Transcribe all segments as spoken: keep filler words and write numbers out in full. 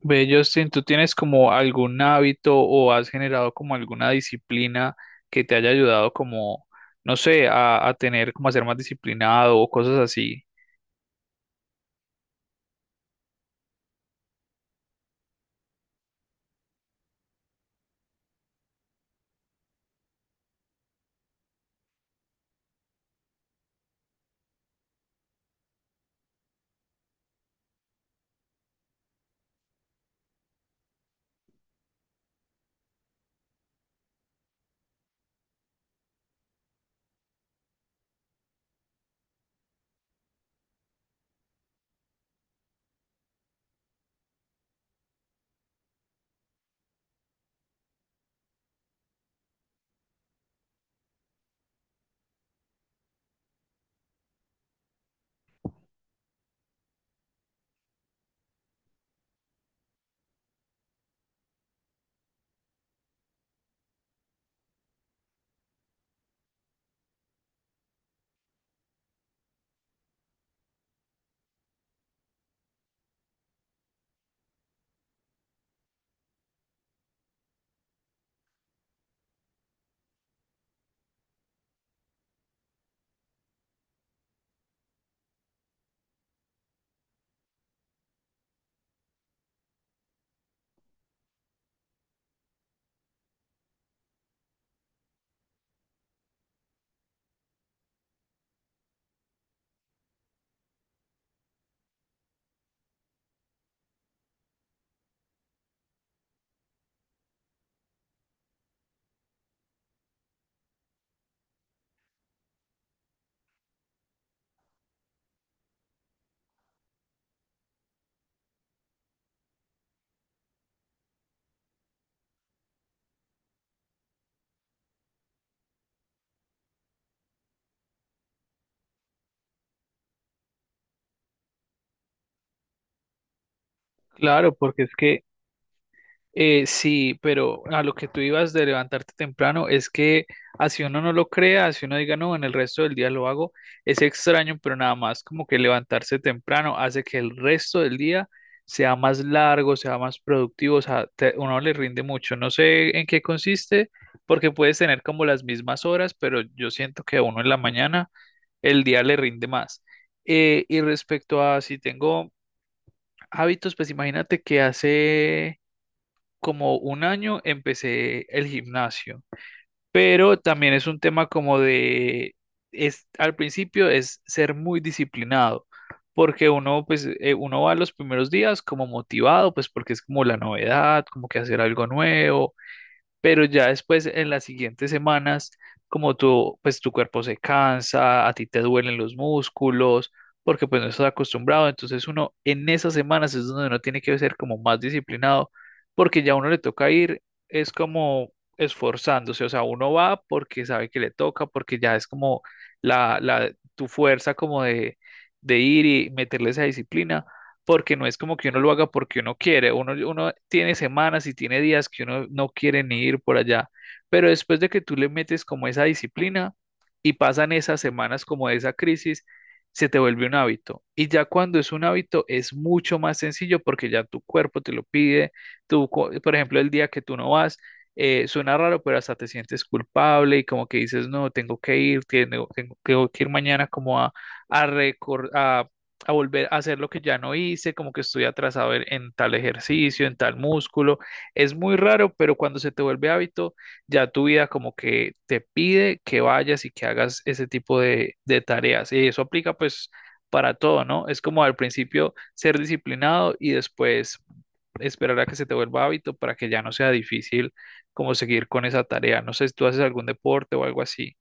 Ve, Justin, ¿tú tienes como algún hábito o has generado como alguna disciplina que te haya ayudado como, no sé, a, a tener como a ser más disciplinado o cosas así? Claro, porque es que Eh, sí, pero a lo que tú ibas de levantarte temprano es que así uno no lo crea, así uno diga no, en el resto del día lo hago, es extraño, pero nada más como que levantarse temprano hace que el resto del día sea más largo, sea más productivo, o sea, te- uno le rinde mucho. No sé en qué consiste, porque puedes tener como las mismas horas, pero yo siento que a uno en la mañana el día le rinde más. Eh, y respecto a si tengo hábitos, pues imagínate que hace como un año empecé el gimnasio, pero también es un tema como de, es, al principio es ser muy disciplinado, porque uno, pues, eh, uno va los primeros días como motivado, pues porque es como la novedad, como que hacer algo nuevo, pero ya después en las siguientes semanas, como tú, pues tu cuerpo se cansa, a ti te duelen los músculos, porque pues no estás acostumbrado, entonces uno en esas semanas es donde uno tiene que ser como más disciplinado, porque ya a uno le toca ir, es como esforzándose, o sea, uno va porque sabe que le toca, porque ya es como la, la, tu fuerza como de, de ir y meterle esa disciplina porque no es como que uno lo haga porque uno quiere, uno, uno tiene semanas y tiene días que uno no quiere ni ir por allá, pero después de que tú le metes como esa disciplina y pasan esas semanas como de esa crisis, se te vuelve un hábito. Y ya cuando es un hábito es mucho más sencillo porque ya tu cuerpo te lo pide, tú, co- por ejemplo, el día que tú no vas. Eh, suena raro, pero hasta te sientes culpable y como que dices, no, tengo que ir, tengo, tengo- tengo que ir mañana como a, a, recor- a a volver a hacer lo que ya no hice, como que estoy atrasado en, en tal ejercicio, en tal músculo. Es muy raro, pero cuando se te vuelve hábito, ya tu vida como que te pide que vayas y que hagas ese tipo de, de tareas. Y eso aplica pues para todo, ¿no? Es como al principio ser disciplinado y después esperar a que se te vuelva hábito para que ya no sea difícil como seguir con esa tarea. No sé si tú haces algún deporte o algo así.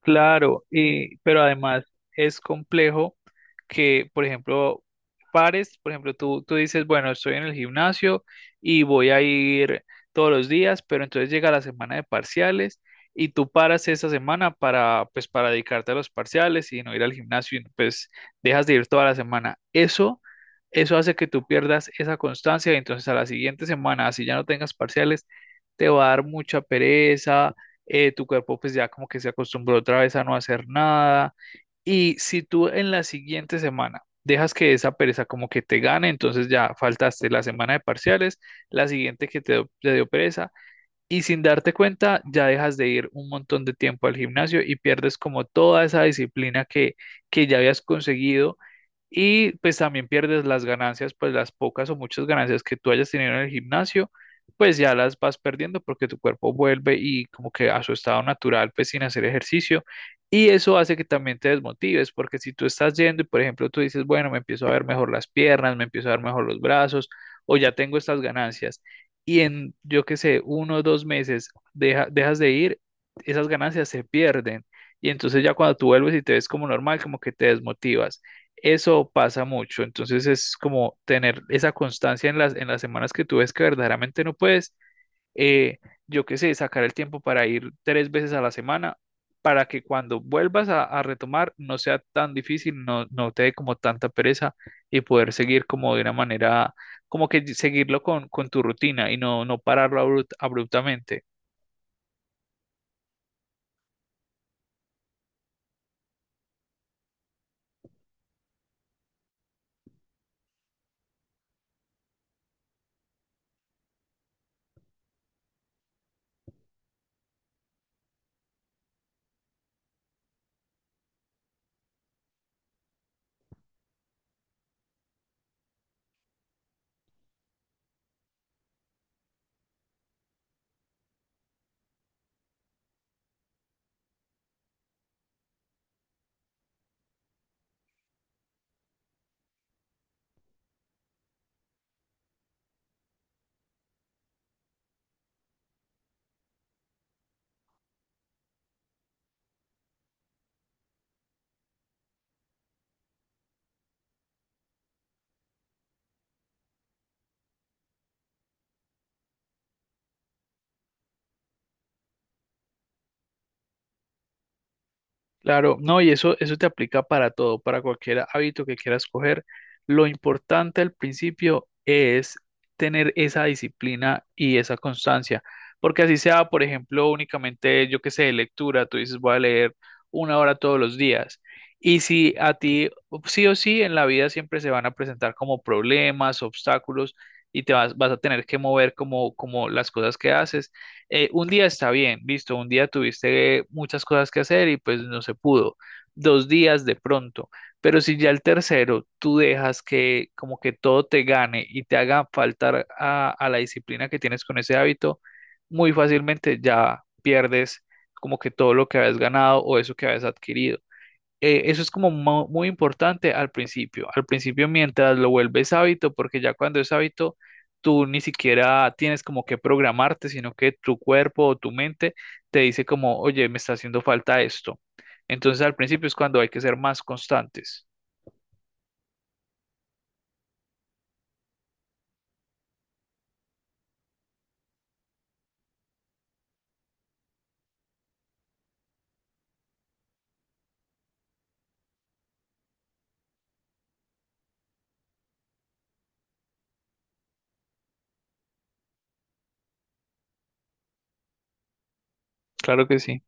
Claro, y, pero además es complejo que, por ejemplo, pares, por ejemplo, tú, tú dices, bueno, estoy en el gimnasio y voy a ir todos los días, pero entonces llega la semana de parciales y tú paras esa semana para, pues, para dedicarte a los parciales y no ir al gimnasio y pues dejas de ir toda la semana. Eso, eso hace que tú pierdas esa constancia y entonces a la siguiente semana, así ya no tengas parciales, te va a dar mucha pereza. Eh, tu cuerpo pues ya como que se acostumbró otra vez a no hacer nada. Y si tú en la siguiente semana dejas que esa pereza como que te gane, entonces ya faltaste la semana de parciales, la siguiente que te, dio- te dio pereza, y sin darte cuenta, ya dejas de ir un montón de tiempo al gimnasio y pierdes como toda esa disciplina que, que ya habías conseguido, y pues también pierdes las ganancias, pues las pocas o muchas ganancias que tú hayas tenido en el gimnasio, pues ya las vas perdiendo porque tu cuerpo vuelve y como que a su estado natural, pues sin hacer ejercicio. Y eso hace que también te desmotives, porque si tú estás yendo y por ejemplo tú dices, bueno, me empiezo a ver mejor las piernas, me empiezo a ver mejor los brazos, o ya tengo estas ganancias y en, yo qué sé, uno o dos meses deja- dejas de ir, esas ganancias se pierden. Y entonces ya cuando tú vuelves y te ves como normal, como que te desmotivas. Eso pasa mucho. Entonces es como tener esa constancia en las, en las semanas que tú ves que verdaderamente no puedes, eh, yo qué sé, sacar el tiempo para ir tres veces a la semana para que cuando vuelvas a, a retomar no sea tan difícil, no, no te dé como tanta pereza y poder seguir como de una manera, como que seguirlo con, con tu rutina y no, no pararlo abruptamente. Claro, no, y eso, eso te aplica para todo, para cualquier hábito que quieras coger. Lo importante al principio es tener esa disciplina y esa constancia, porque así sea, por ejemplo, únicamente, yo qué sé, lectura, tú dices, voy a leer una hora todos los días. Y si a ti, sí o sí, en la vida siempre se van a presentar como problemas, obstáculos, y te vas, vas a tener que mover como, como las cosas que haces. Eh, un día está bien, visto, un día tuviste muchas cosas que hacer y pues no se pudo. Dos días de pronto, pero si ya el tercero tú dejas que como que todo te gane y te haga faltar a, a la disciplina que tienes con ese hábito, muy fácilmente ya pierdes como que todo lo que habías ganado o eso que habías adquirido. Eh, eso es como mo- muy importante al principio. Al principio, mientras lo vuelves hábito, porque ya cuando es hábito, tú ni siquiera tienes como que programarte, sino que tu cuerpo o tu mente te dice como, oye, me está haciendo falta esto. Entonces, al principio es cuando hay que ser más constantes. Claro que sí.